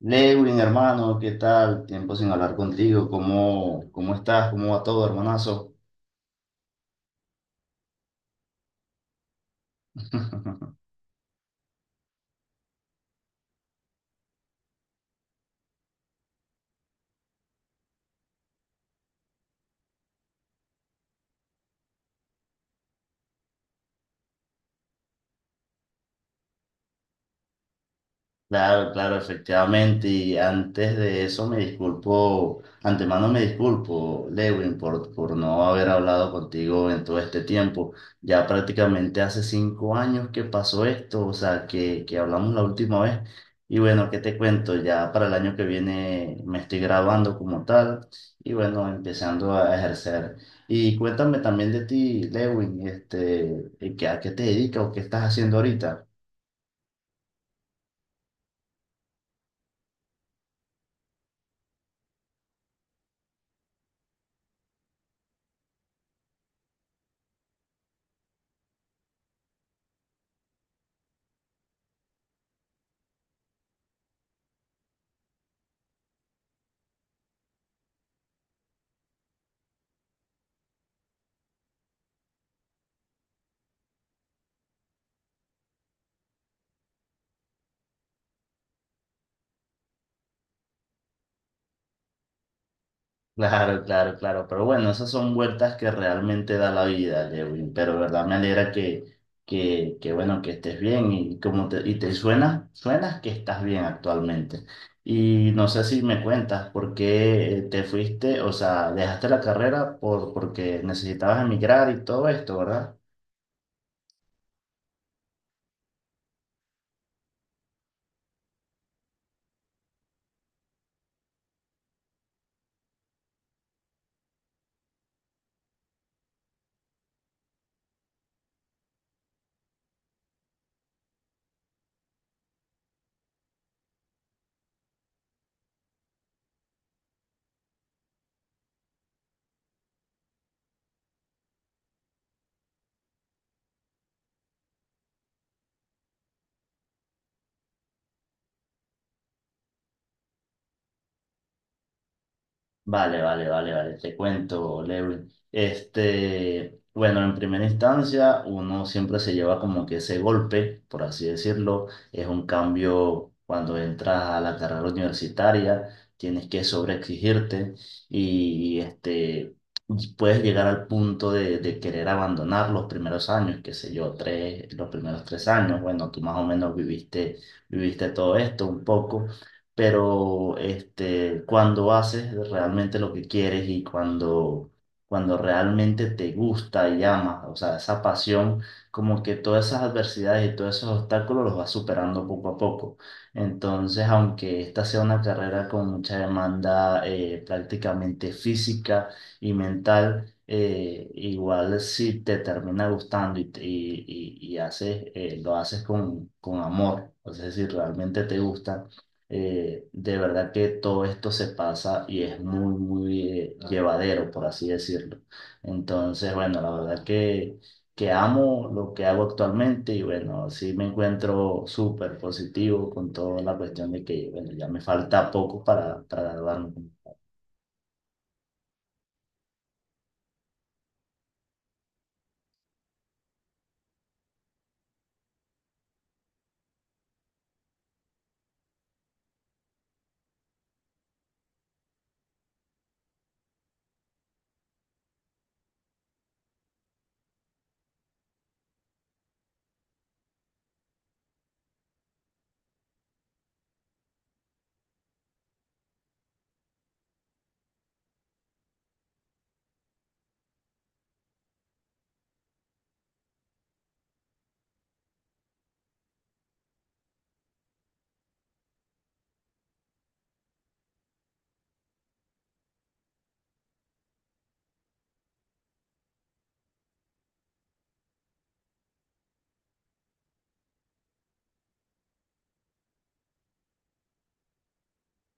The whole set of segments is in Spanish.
Lewin, hermano, ¿qué tal? Tiempo sin hablar contigo. ¿Cómo estás? ¿Cómo va todo, hermanazo? Claro, claro, efectivamente. Y antes de eso me disculpo, antemano me disculpo, Lewin, por no haber hablado contigo en todo este tiempo. Ya prácticamente hace 5 años que pasó esto, o sea, que hablamos la última vez. Y bueno, ¿qué te cuento? Ya para el año que viene me estoy graduando como tal y bueno, empezando a ejercer. Y cuéntame también de ti, Lewin, este, ¿a qué te dedicas o qué estás haciendo ahorita? Claro, claro, claro. Pero bueno, esas son vueltas que realmente da la vida, Lewin. Pero verdad me alegra que, que bueno, que estés bien y y te suenas que estás bien actualmente. Y no sé si me cuentas por qué te fuiste, o sea, dejaste la carrera por, porque necesitabas emigrar y todo esto, ¿verdad? Vale, vale, vale, vale, te cuento, Lewin. Este, bueno, en primera instancia, uno siempre se lleva como que ese golpe, por así decirlo, es un cambio cuando entras a la carrera universitaria, tienes que sobreexigirte y este, puedes llegar al punto de querer abandonar los primeros años, qué sé yo, tres, los primeros 3 años, bueno, tú más o menos viviste, viviste todo esto un poco pero este, cuando haces realmente lo que quieres y cuando, cuando realmente te gusta y amas, o sea, esa pasión, como que todas esas adversidades y todos esos obstáculos los vas superando poco a poco. Entonces, aunque esta sea una carrera con mucha demanda prácticamente física y mental, igual si te termina gustando y, y, y haces, lo haces con amor, o sea, si realmente te gusta de verdad que todo esto se pasa y es muy, muy llevadero, por así decirlo. Entonces, bueno, la verdad que amo lo que hago actualmente y bueno, sí me encuentro súper positivo con toda la cuestión de que, bueno, ya me falta poco para graduarme.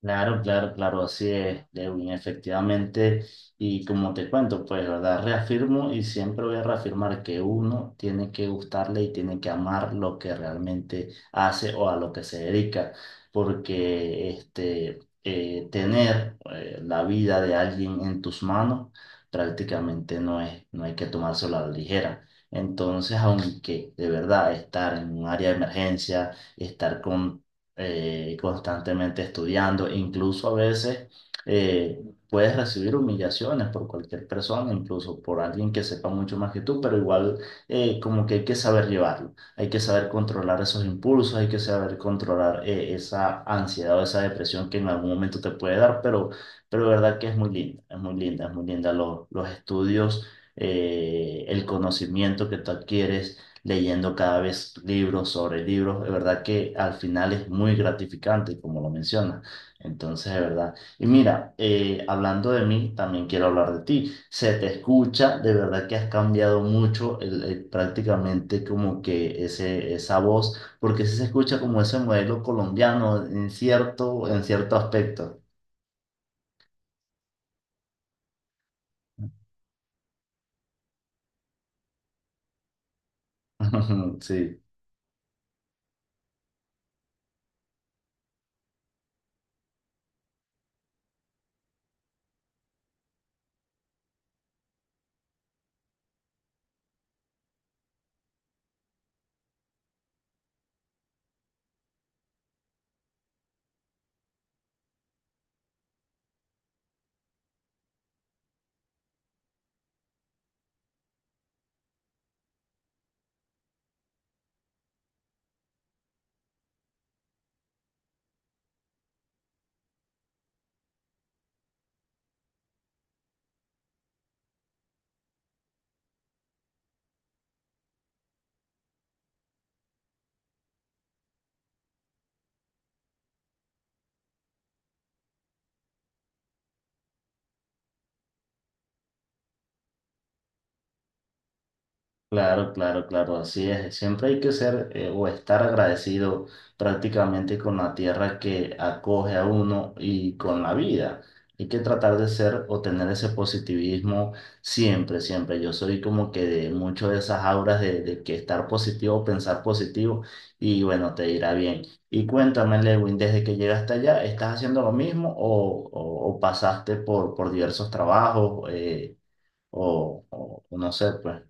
Claro, claro, claro, así es, Lewin, efectivamente. Y como te cuento, pues, ¿verdad? Reafirmo y siempre voy a reafirmar que uno tiene que gustarle y tiene que amar lo que realmente hace o a lo que se dedica, porque este, tener la vida de alguien en tus manos prácticamente no hay que tomárselo a la ligera. Entonces, aunque de verdad estar en un área de emergencia, estar con constantemente estudiando, incluso a veces eh, puedes recibir humillaciones por cualquier persona, incluso por alguien que sepa mucho más que tú, pero igual como que hay que saber llevarlo, hay que saber controlar esos impulsos, hay que saber controlar esa ansiedad o esa depresión que en algún momento te puede dar, pero de verdad que es muy linda, es muy linda, es muy linda los estudios. El conocimiento que tú adquieres, leyendo cada vez libros sobre libros. De verdad que al final es muy gratificante, como lo mencionas. Entonces, de verdad. Y mira, hablando de mí, también quiero hablar de ti. Se te escucha, de verdad que has cambiado mucho prácticamente como que esa voz, porque sí se escucha como ese modelo colombiano en cierto aspecto. Sí. Claro, claro, claro, así es. Siempre hay que ser o estar agradecido prácticamente con la tierra que acoge a uno y con la vida. Hay que tratar de ser o tener ese positivismo siempre, siempre. Yo soy como que de mucho de esas auras de que estar positivo, pensar positivo y bueno, te irá bien. Y cuéntame, Lewin, desde que llegaste allá, ¿estás haciendo lo mismo o, o pasaste por diversos trabajos o, o no sé, pues?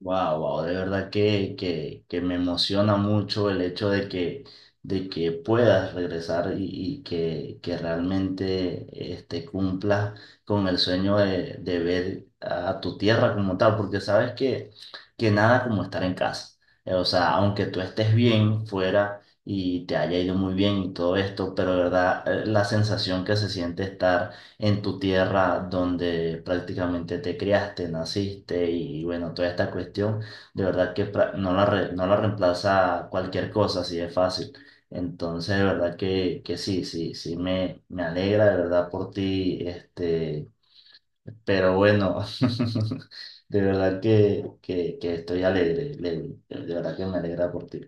Wow, wow, de verdad que me emociona mucho el hecho de que, puedas regresar y, y que realmente este, cumplas con el sueño de ver a tu tierra como tal, porque sabes que nada como estar en casa. O sea, aunque tú estés bien fuera y te haya ido muy bien y todo esto, pero de verdad la sensación que se siente estar en tu tierra donde prácticamente te criaste, naciste y bueno, toda esta cuestión, de verdad que no la, no la reemplaza cualquier cosa, así de fácil. Entonces, de verdad que sí, sí, sí, me alegra de verdad por ti, este, pero bueno, de verdad que, que estoy alegre. De verdad que me alegra por ti.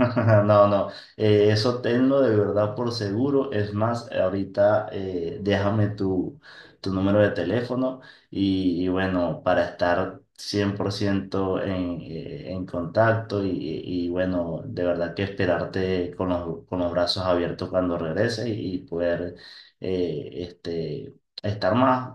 No, no, eso tenlo de verdad por seguro. Es más, ahorita déjame tu número de teléfono y bueno, para estar 100% en contacto y bueno, de verdad que esperarte con los brazos abiertos cuando regreses y, poder eh, este, estar más,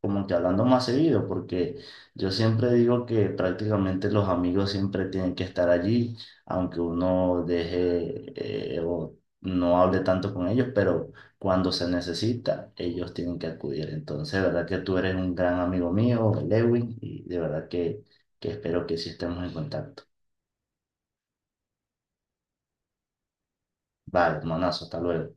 como que hablando más seguido, porque yo siempre digo que prácticamente los amigos siempre tienen que estar allí aunque uno deje o no hable tanto con ellos, pero cuando se necesita, ellos tienen que acudir. Entonces, de verdad que tú eres un gran amigo mío, Lewin, y de verdad que espero que sí estemos en contacto. Vale, hermanazo, hasta luego.